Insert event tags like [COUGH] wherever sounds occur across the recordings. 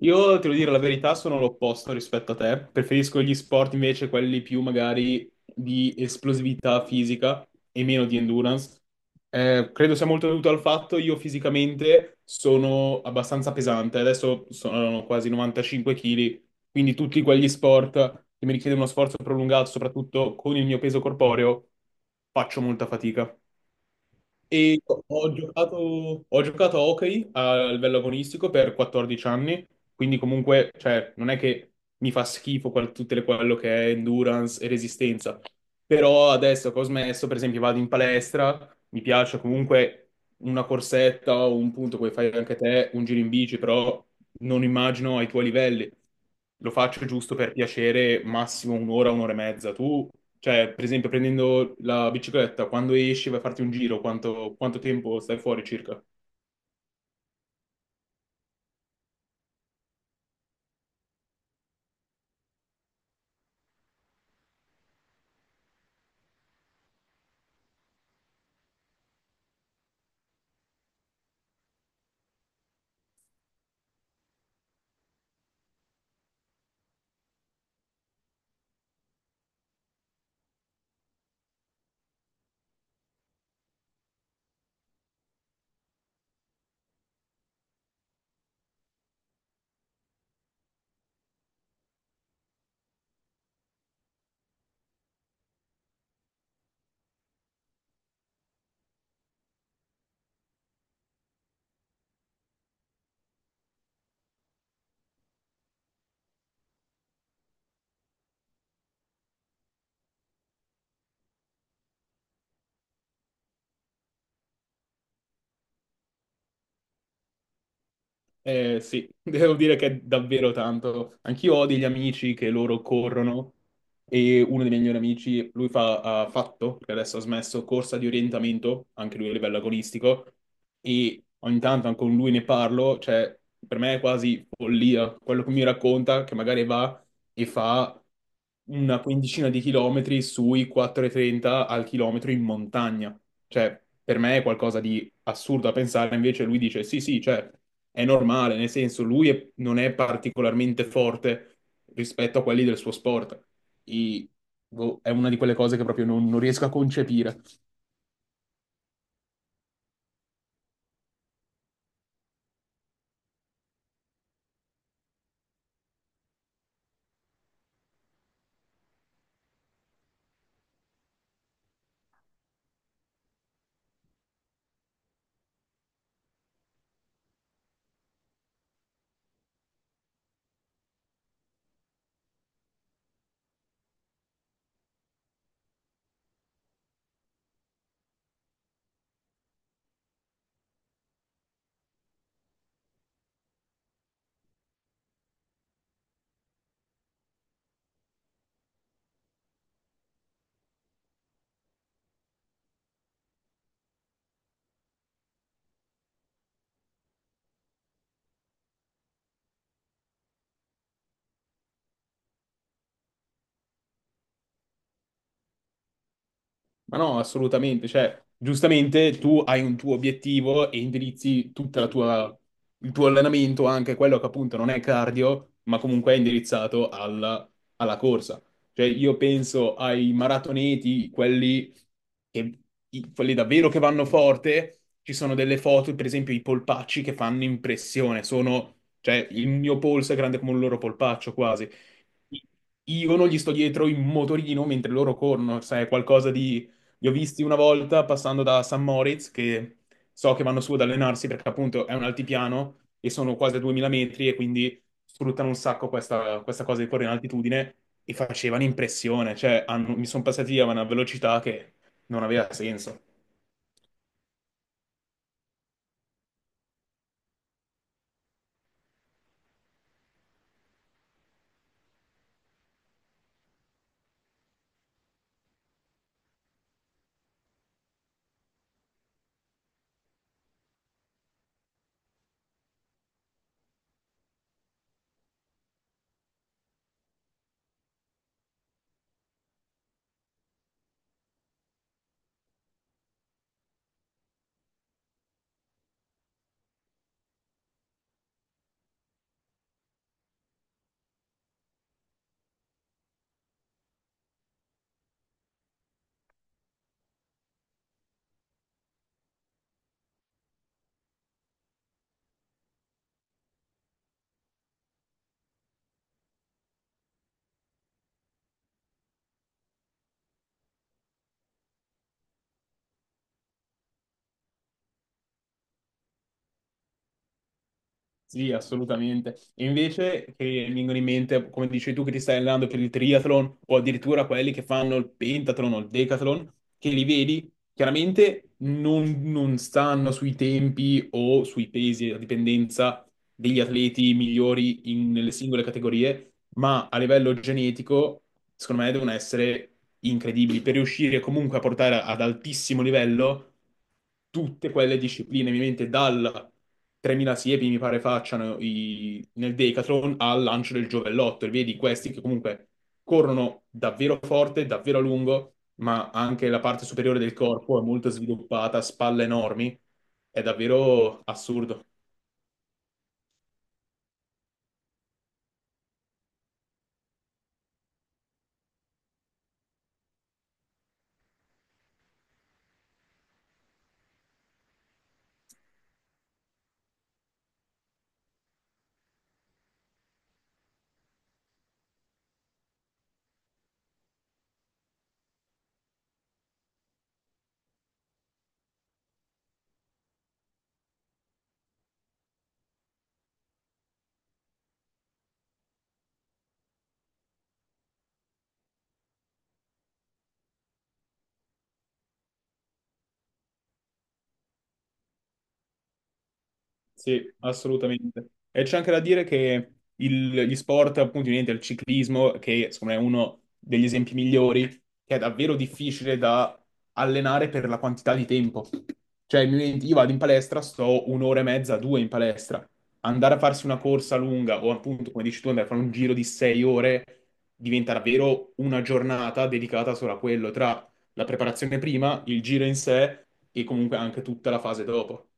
Io, te lo dire la verità, sono l'opposto rispetto a te. Preferisco gli sport invece quelli più magari di esplosività fisica e meno di endurance. Credo sia molto dovuto al fatto io fisicamente sono abbastanza pesante. Adesso sono quasi 95 kg, quindi tutti quegli sport che mi richiedono uno sforzo prolungato, soprattutto con il mio peso corporeo, faccio molta fatica. E ho giocato a hockey a livello agonistico per 14 anni, quindi comunque, cioè, non è che mi fa schifo quel- tutte le- quello che è endurance e resistenza, però adesso che ho smesso, per esempio, vado in palestra, mi piace comunque una corsetta o un punto, come fai anche te, un giro in bici, però non immagino ai tuoi livelli. Lo faccio giusto per piacere, massimo un'ora, un'ora e mezza. Tu, cioè, per esempio, prendendo la bicicletta, quando esci vai a farti un giro, quanto tempo stai fuori circa? Sì, [LAUGHS] devo dire che è davvero tanto. Anch'io ho degli amici che loro corrono e uno dei miei migliori amici, lui fa, ha fatto, perché adesso ha smesso, corsa di orientamento, anche lui a livello agonistico, e ogni tanto anche con lui ne parlo, cioè per me è quasi follia quello che mi racconta, che magari va e fa una quindicina di chilometri sui 4,30 al chilometro in montagna. Cioè, per me è qualcosa di assurdo a pensare, invece lui dice sì, sì, cioè è normale, nel senso lui è- non è particolarmente forte rispetto a quelli del suo sport. I- boh, è una di quelle cose che proprio non riesco a concepire. Ma no, assolutamente, cioè, giustamente tu hai un tuo obiettivo e indirizzi tutta la tua, il tuo allenamento, anche quello che appunto non è cardio, ma comunque è indirizzato alla, alla corsa. Cioè, io penso ai maratoneti, quelli, che, i- quelli davvero che vanno forte, ci sono delle foto, per esempio i polpacci che fanno impressione, sono, cioè, il mio polso è grande come un loro polpaccio quasi. Io non gli sto dietro in motorino mentre loro corrono, sai, è qualcosa di li ho visti una volta passando da San Moritz, che so che vanno su ad allenarsi perché appunto è un altipiano e sono quasi a 2000 metri e quindi sfruttano un sacco questa cosa di correre in altitudine e facevano impressione, cioè hanno- mi sono passati a una velocità che non aveva senso. Sì, assolutamente. E invece che mi vengono in mente, come dici tu, che ti stai allenando per il triathlon o addirittura quelli che fanno il pentathlon o il decathlon, che li vedi, chiaramente non stanno sui tempi o sui pesi, a dipendenza degli atleti migliori in- nelle singole categorie, ma a livello genetico, secondo me, devono essere incredibili per riuscire comunque a portare ad altissimo livello tutte quelle discipline, ovviamente dalla 3.000 siepi mi pare facciano i- nel Decathlon al lancio del giovellotto e vedi questi che comunque corrono davvero forte, davvero a lungo, ma anche la parte superiore del corpo è molto sviluppata, spalle enormi, è davvero assurdo. Sì, assolutamente. E c'è anche da dire che il- gli sport, appunto, niente, il ciclismo, che secondo me è uno degli esempi migliori, che è davvero difficile da allenare per la quantità di tempo. Cioè, mi metti- io vado in palestra, sto un'ora e mezza, due in palestra. Andare a farsi una corsa lunga o appunto, come dici tu, andare a fare un giro di 6 ore diventa davvero una giornata dedicata solo a quello, tra la preparazione prima, il giro in sé e comunque anche tutta la fase dopo.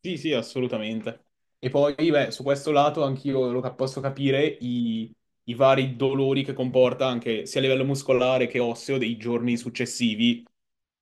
Sì, sì, assolutamente. E poi, beh, su questo lato anch'io lo cap- posso capire i vari dolori che comporta anche sia a livello muscolare che osseo dei giorni successivi.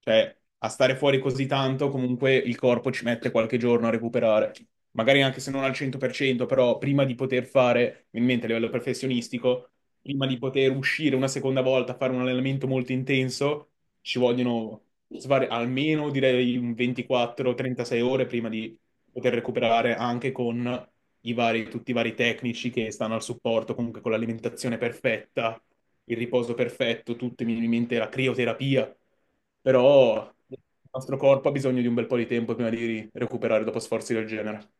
Cioè, a stare fuori così tanto, comunque il corpo ci mette qualche giorno a recuperare. Magari anche se non al 100%, però prima di poter fare, in mente a livello professionistico, prima di poter uscire una seconda volta a fare un allenamento molto intenso, ci vogliono svari- almeno direi un 24-36 ore prima di poter recuperare anche con i vari, tutti i vari tecnici che stanno al supporto, comunque con l'alimentazione perfetta, il riposo perfetto, tutto, mi viene in mente la crioterapia, però il nostro corpo ha bisogno di un bel po' di tempo prima di recuperare dopo sforzi del genere.